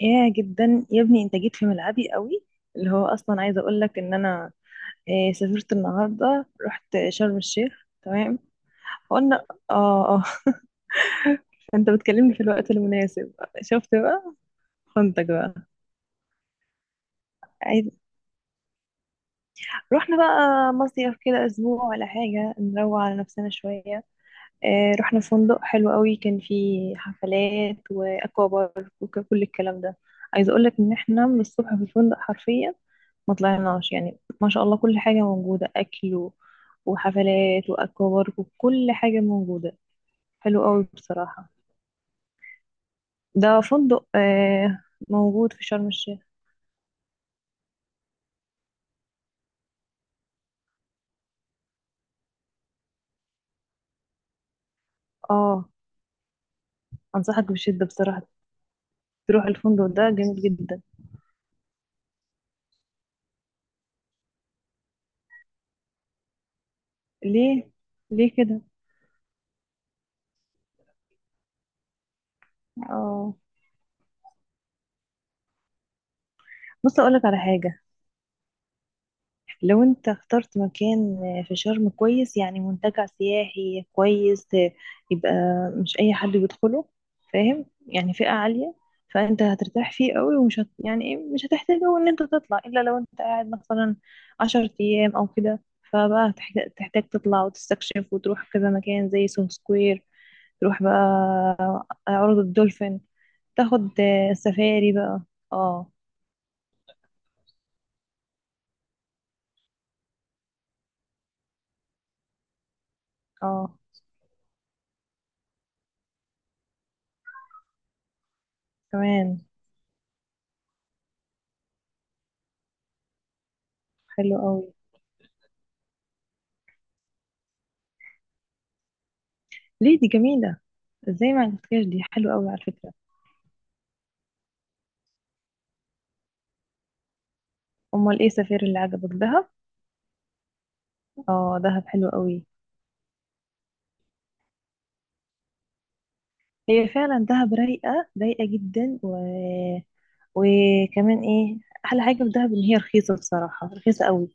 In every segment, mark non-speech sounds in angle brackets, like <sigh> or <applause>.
يا جدا يا ابني انت جيت في ملعبي قوي. اللي هو اصلا عايزه اقول لك ان انا سافرت النهارده، رحت شرم الشيخ. تمام، قلنا اه اه. <laughs> انت بتكلمني في الوقت المناسب، شفت بقى، خنتك بقى. عايز رحنا بقى مصيف كده اسبوع ولا حاجه، نروق على نفسنا شويه. رحنا فندق حلو قوي، كان فيه حفلات واكوا بارك وكل الكلام ده. عايزه اقول لك ان احنا من الصبح في الفندق حرفيا، ما طلعناش، يعني ما شاء الله كل حاجه موجوده، اكل وحفلات واكوا بارك وكل حاجه موجوده. حلو قوي بصراحه. ده فندق موجود في شرم الشيخ. اه، انصحك بشده بصراحه، تروح الفندق ده جميل جدا. ليه؟ ليه كده؟ اه. بص اقول لك على حاجه، لو انت اخترت مكان في شرم كويس، يعني منتجع سياحي كويس، يبقى مش اي حد بيدخله، فاهم؟ يعني فئة عالية. فانت هترتاح فيه قوي ومش يعني مش هتحتاج أوي ان انت تطلع، الا لو انت قاعد مثلا عشر ايام او كده. فبقى هتحتاج، تطلع وتستكشف وتروح كذا مكان زي سون سكوير، تروح بقى عروض الدولفين، تاخد سفاري بقى. اه اه، كمان حلو قوي. ليه؟ دي جميلة، ازاي ما عجبتكش؟ دي حلوة قوي على فكرة. امال ايه سفير اللي عجبك؟ دهب؟ اه دهب حلو قوي. هي فعلا دهب رايقة رايقة جدا وكمان ايه، احلى حاجة في دهب ان هي رخيصة، بصراحة رخيصة قوي.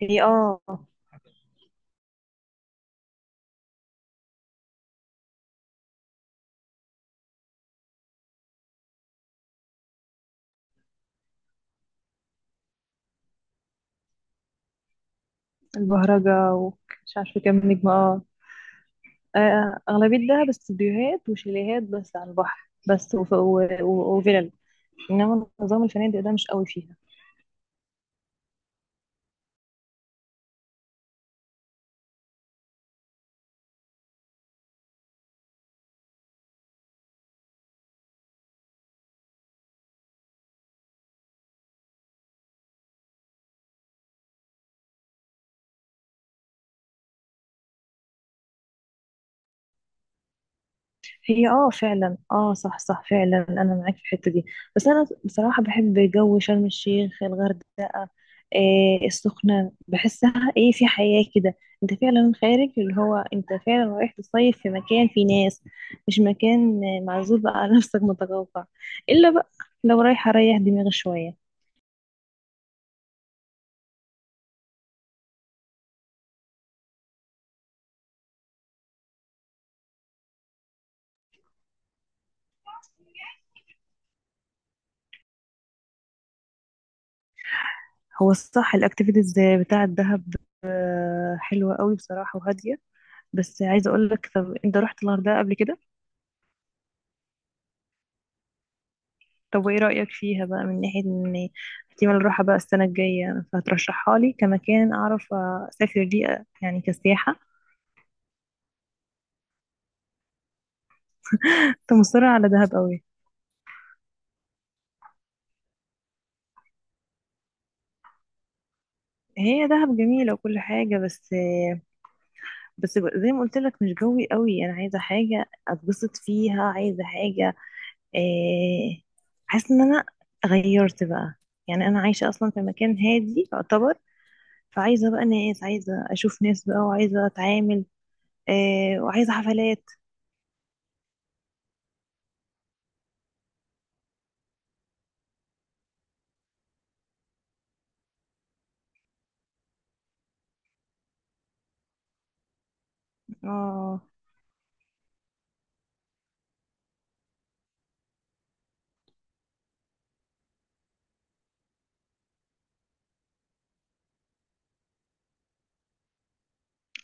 هي البهرجة ومش عارفة كام نجمة. اه. أغلبية دهب استوديوهات وشاليهات بس على البحر بس، وفلل. إنما نظام الفنادق ده مش قوي فيها. هي فعلا، اه صح صح، فعلا انا معاك في الحته دي. بس انا بصراحه بحب جو شرم الشيخ، الغردقه، إيه السخنه، بحسها ايه في حياه كده. انت فعلا خارج، اللي هو انت فعلا رايح تصيف في مكان فيه ناس، مش مكان معزول بقى على <laughs> نفسك، متقوقع. الا بقى لو رايح اريح دماغي شويه. هو الصح الاكتيفيتيز بتاع الدهب حلوه قوي بصراحه، وهاديه. بس عايزه اقول لك، طب انت رحت الغردقه قبل كده؟ طب وايه رأيك فيها بقى، من ناحية ان احتمال اروحها بقى السنة الجاية، فهترشحها لي كمكان اعرف اسافر ليه، يعني كسياحة؟ كنت مصرة على دهب قوي. هي دهب جميلة وكل حاجة، بس زي ما قلت لك، مش جوي قوي. انا عايزة حاجة اتبسط فيها، عايزة حاجة، إيه، حاسة ان انا غيرت بقى. يعني انا عايشة اصلا في مكان هادي يعتبر، فعايزة بقى ناس، عايزة اشوف ناس بقى، وعايزة اتعامل، وعايزة حفلات. اه.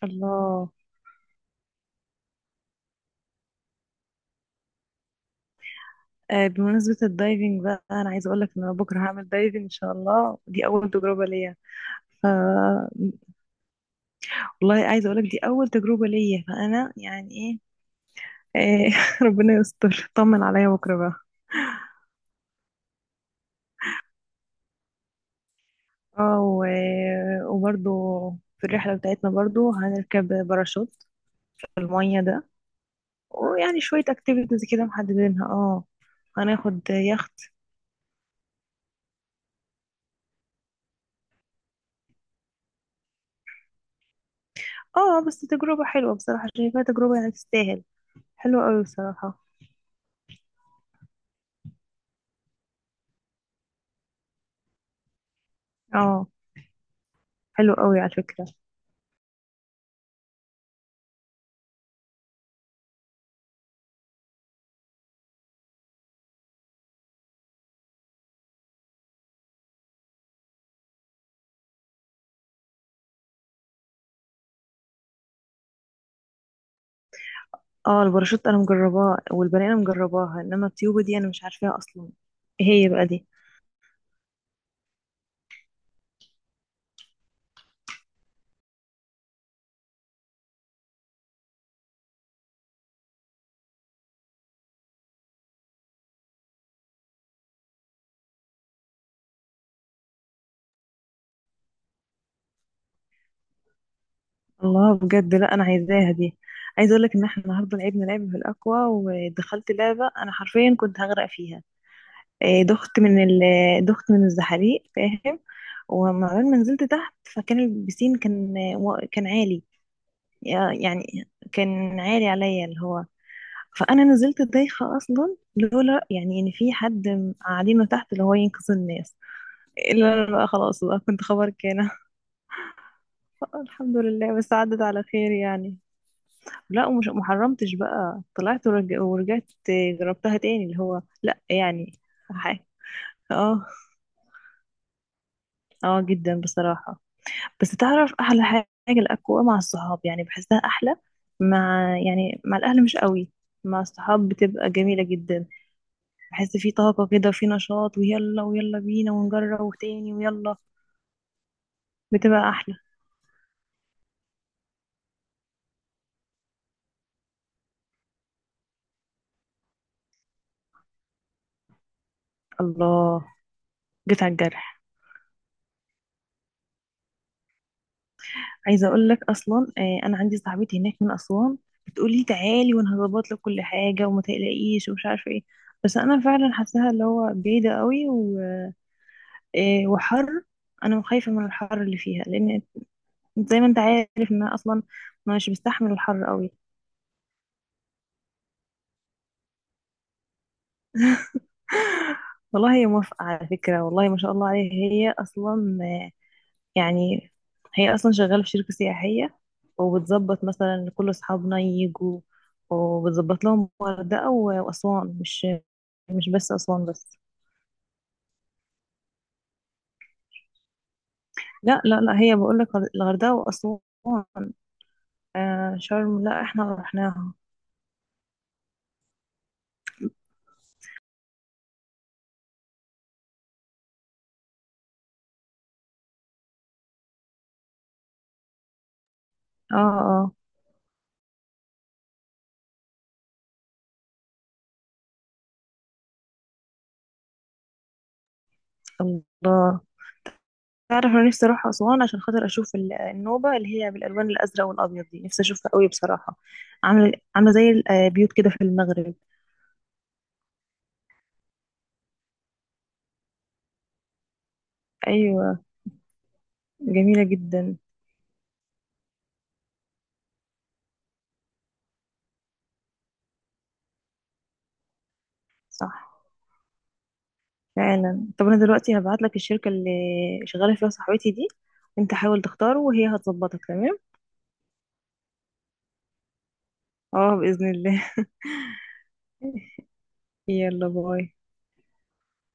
الله. بمناسبة الدايفنج بقى، أنا عايزة أقولك إن أنا بكرة هعمل دايفنج إن شاء الله، دي أول تجربة ليا. ف والله عايزة أقولك دي أول تجربة ليا، فأنا يعني إيه آه، <laughs> ربنا يستر، طمن عليا بكرة بقى. اه. وبرضو في الرحلة بتاعتنا برضو هنركب باراشوت في المية ده. ويعني شوية اكتيفيتيز كده محددينها. اه، هناخد يخت. اه، بس تجربة حلوة بصراحة، شايفاها تجربة يعني تستاهل. حلوة أوي بصراحة. اه حلو قوي على فكرة. اه، الباراشوت انا مجرباه والبنانه مجرباها، انما الطيوبه دي انا مش عارفاها اصلا، ايه هي بقى دي؟ الله، بجد؟ لا انا عايزاها دي. عايزه اقول لك ان احنا النهارده لعبنا لعبه في الاكوا، ودخلت لعبه انا حرفيا كنت هغرق فيها. إيه، دخت من ال آه، دخت من الزحاليق فاهم، ما نزلت تحت، فكان البسين كان كان عالي، يعني كان عالي عليا اللي هو، فانا نزلت دايخه اصلا، لولا يعني ان في حد قاعدينه تحت اللي هو ينقذ الناس. لا لا لا، خلاص بقى كنت خبرك هنا. <laughs> الحمد لله بس، عدت على خير يعني. لا، ومش محرمتش بقى، طلعت ورجعت، جربتها تاني، اللي هو لا يعني حاجة. اه. اه جدا بصراحة. بس تعرف احلى حاجة؟ الاكوا مع الصحاب يعني بحسها احلى، مع يعني الاهل مش قوي، مع الصحاب بتبقى جميلة جدا. بحس في طاقة كده، وفي نشاط، ويلا ويلا بينا ونجرب تاني، ويلا، بتبقى احلى. الله، جيت على الجرح. عايزه اقول لك، اصلا انا عندي صاحبتي هناك من اسوان، بتقولي تعالي وانا هظبط لك كل حاجه، وما تقلقيش ومش عارفه ايه. بس انا فعلا حاساها اللي هو بعيده قوي و... آه، وحر، انا خايفه من الحر اللي فيها، لان زي ما انت عارف ان انا اصلا مش بستحمل الحر قوي. والله هي موافقه على فكره، والله ما شاء الله عليها، يعني هي اصلا شغاله في شركه سياحيه، وبتظبط مثلا كل اصحابنا يجوا، وبتظبط لهم الغردقه واسوان، مش بس اسوان بس. لا لا لا، هي بقول لك الغردقه واسوان. آه شرم لا، احنا رحناها. اه اه، الله. تعرف انا نفسي اروح اسوان، عشان خاطر اشوف النوبه اللي هي بالالوان الازرق والابيض دي، نفسي اشوفها قوي بصراحه. عامله عامله زي البيوت كده في المغرب. ايوه. جميله جدا. صح، فعلا. طب انا دلوقتي هبعت لك الشركة اللي شغالة فيها صاحبتي دي، انت حاول تختاره وهي هتظبطك. تمام. اه بإذن الله. <laughs> يلا باي.